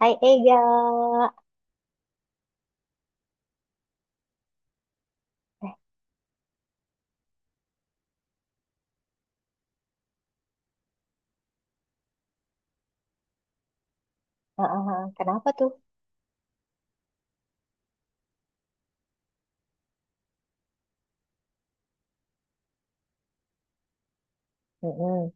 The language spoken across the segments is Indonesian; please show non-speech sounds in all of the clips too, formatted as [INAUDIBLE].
Hai Ega. Heeh, heeh, kenapa tuh? Mm-mm.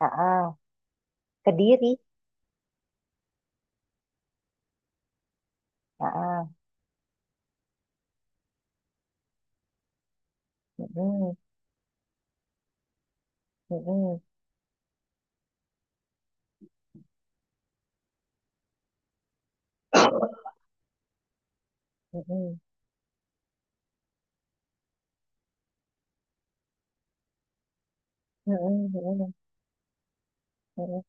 Heeh. Kediri. Heeh. Mm-mm. Mm-mm. Mm-mm. Mm-mm. Mm-mm. Mm-mm.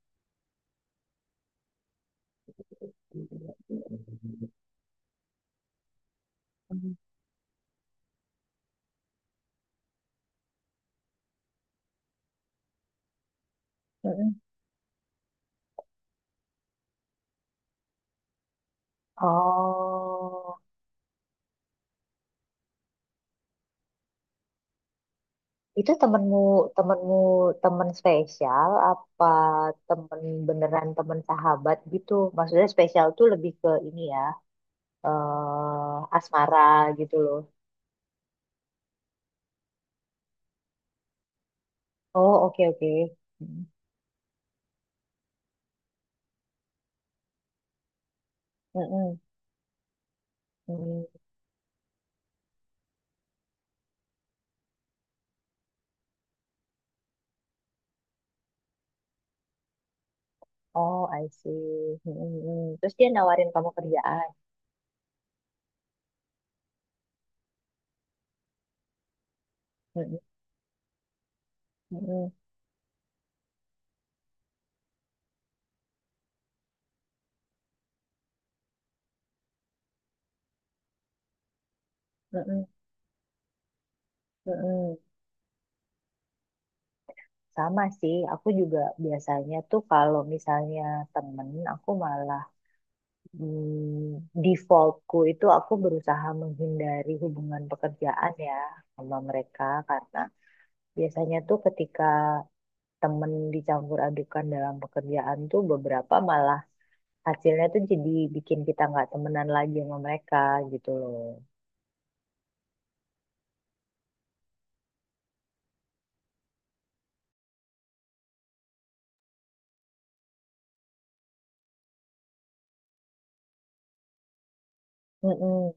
Mm-mm. Mm-mm. Oh, itu temenmu, temenmu, temen spesial apa temen, beneran temen sahabat gitu? Maksudnya spesial tuh lebih ke ini ya, eh, asmara gitu loh. Oh, oke oke. Mm-mm. Mm-mm. Oh, I see. Mm, mm, mm. Terus dia nawarin kamu kerjaan. Mm, mm, mm, mm, mm, mm, mm. Sama sih, aku juga biasanya tuh kalau misalnya temen, aku malah defaultku itu aku berusaha menghindari hubungan pekerjaan ya sama mereka, karena biasanya tuh ketika temen dicampur adukan dalam pekerjaan tuh beberapa malah hasilnya tuh jadi bikin kita nggak temenan lagi sama mereka gitu loh. Mm-mm.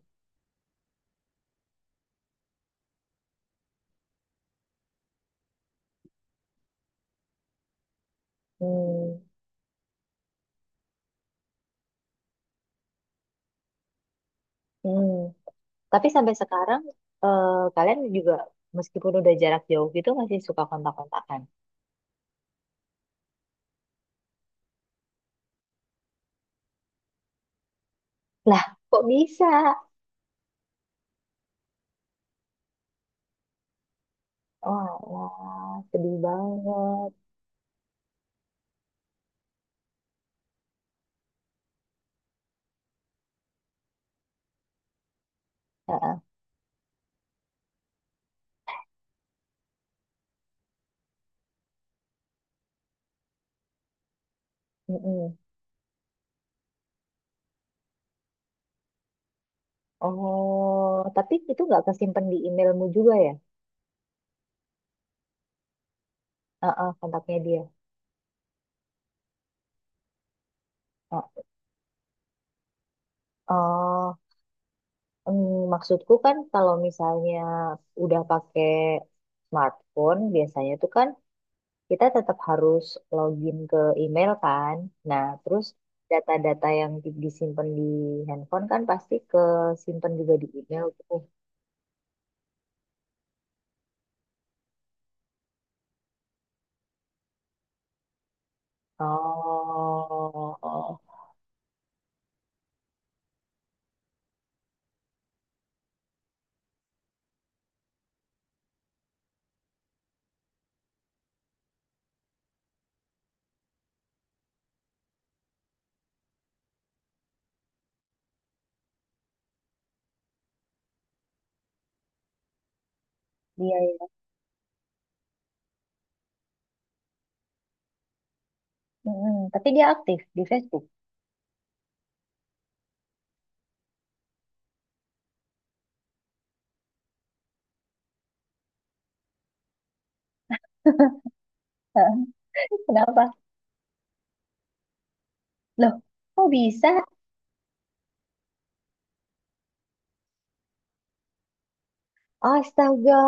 Hmm, hmm. Tapi sampai sekarang eh, kalian juga meskipun udah jarak jauh gitu masih suka kontak-kontakan. Lah, kok bisa? Wah, wah, sedih banget. Heeh, mm-mm. Oh, tapi itu nggak kesimpan di emailmu juga ya? Heeh, kontaknya dia. Heeh. Oh, maksudku kan kalau misalnya udah pakai smartphone biasanya tuh kan kita tetap harus login ke email kan. Nah, terus data-data yang di- disimpan di handphone kan pasti ke simpan juga di email tuh. Oh, oh. Iya, iya. Mm-mm. Tapi dia aktif di Facebook. [LAUGHS] Hah, kenapa? Loh, kok bisa? Astaga.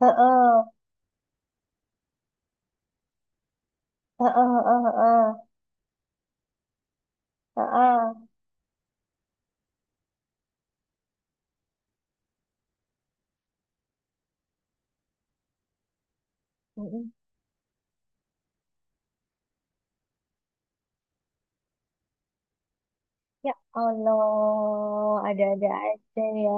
Heeh, heeh, heeh, heeh, heeh. Mm-mm. Ya Allah, ada-ada aja ya.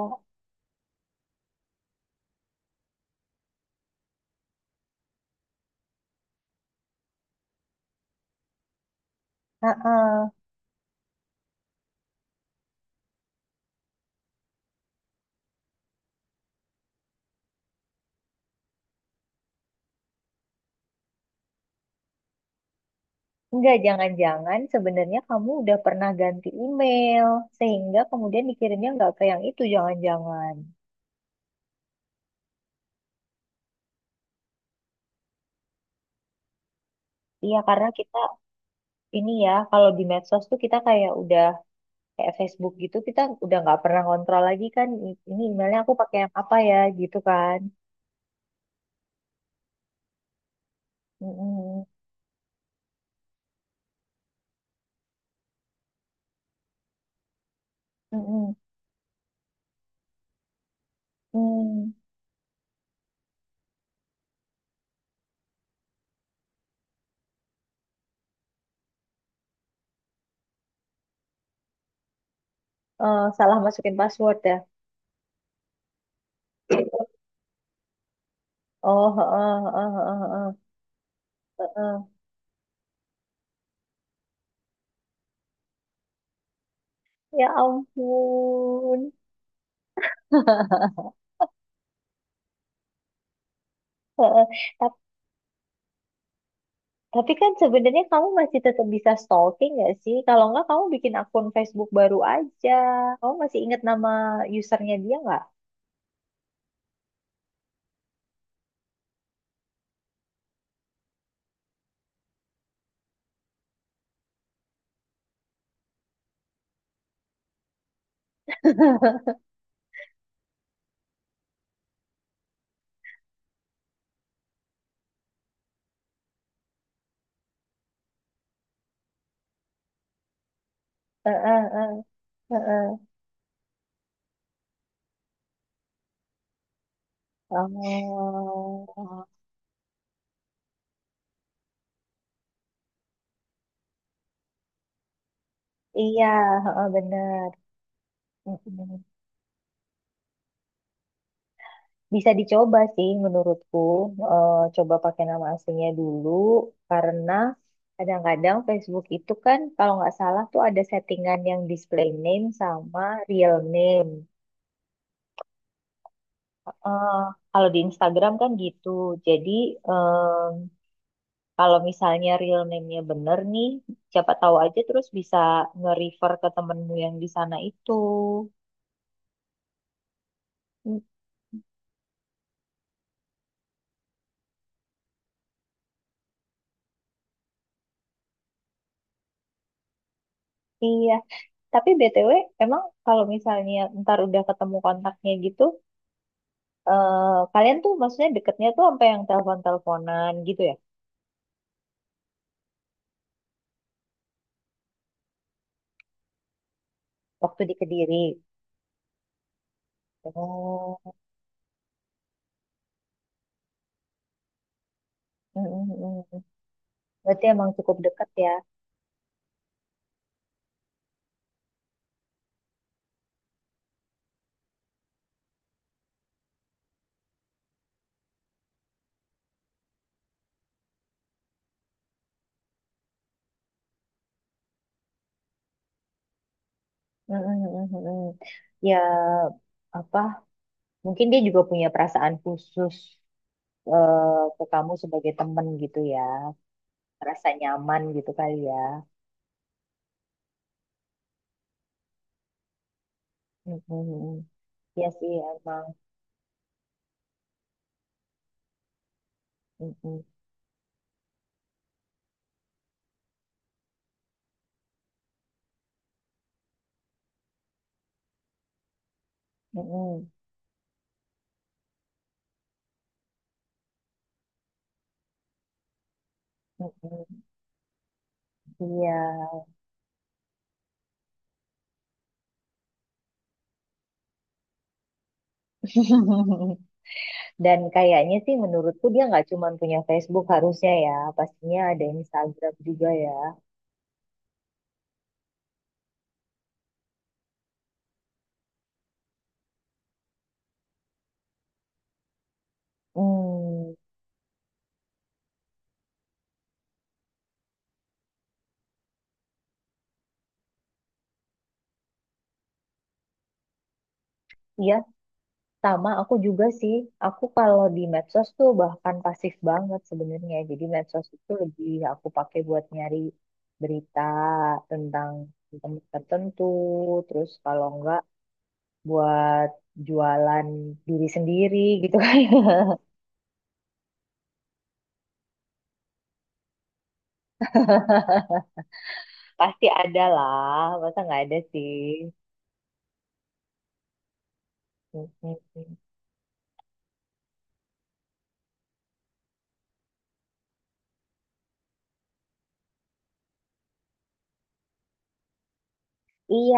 Heeh. Enggak, jangan-jangan sebenarnya kamu udah pernah ganti email, sehingga kemudian dikirimnya nggak ke yang itu, jangan-jangan. Iya, karena kita ini ya, kalau di medsos tuh kita kayak udah kayak Facebook gitu, kita udah nggak pernah kontrol lagi kan, i- ini emailnya aku pakai yang apa ya, gitu kan. Mm-mm, mm-mm, mm. Eh, salah masukin password ya. Oh, heeh, heeh, heeh, heeh, heeh. Ya ampun. [LAUGHS] Heeh. Tapi kan sebenarnya kamu masih tetap bisa stalking nggak sih? Kalau nggak kamu bikin akun Facebook baru aja. Kamu masih ingat nama usernya dia nggak? [LAUGHS] Heeh, heeh, heeh. Oh, iya, heeh, benar. Mm-mm. Bisa dicoba sih menurutku. Eh, coba pakai nama aslinya dulu karena kadang-kadang Facebook itu kan kalau nggak salah tuh ada settingan yang display name sama real name. Eh, kalau di Instagram kan gitu. Jadi em, kalau misalnya real name-nya bener nih, siapa tahu aja terus bisa nge-refer ke temenmu yang di sana itu. Mm, iya. Tapi BTW, emang kalau misalnya ntar udah ketemu kontaknya gitu, eh, kalian tuh maksudnya deketnya tuh sampai yang telepon-teleponan gitu ya? Waktu di Kediri. Oh, mm, mm, mm. Berarti emang cukup dekat ya. Mm, mm, mm, mm, mm. Ya, apa, mungkin dia juga punya perasaan khusus ke kamu sebagai temen gitu ya. Rasa nyaman gitu kali ya. Mm-mm. Iya sih emang. Mm-mm. Mm-mm. Mm-mm. Iya. [LAUGHS] Dan kayaknya sih menurutku dia nggak cuma punya Facebook harusnya ya. Pastinya ada Instagram juga ya. Hmm. Iya, sama aku juga sih, aku kalau di medsos tuh bahkan pasif banget sebenarnya. Jadi medsos itu lebih aku pakai buat nyari berita tentang tempat tertentu, terus kalau enggak buat jualan diri sendiri gitu [LAUGHS] kan. Pasti ada lah, masa nggak ada sih. Mm-mm. Iya,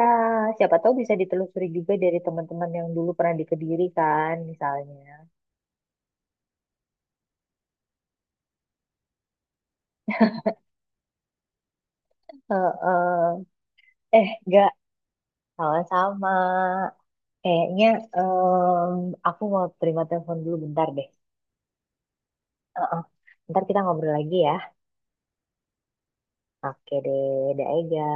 siapa tahu bisa ditelusuri juga dari teman-teman yang dulu pernah di Kediri kan, misalnya. Heeh. Eh, enggak, sama-sama. Kayaknya em, aku mau terima telepon dulu bentar deh. Ntar kita ngobrol lagi ya. Oke deh, dadah Ega.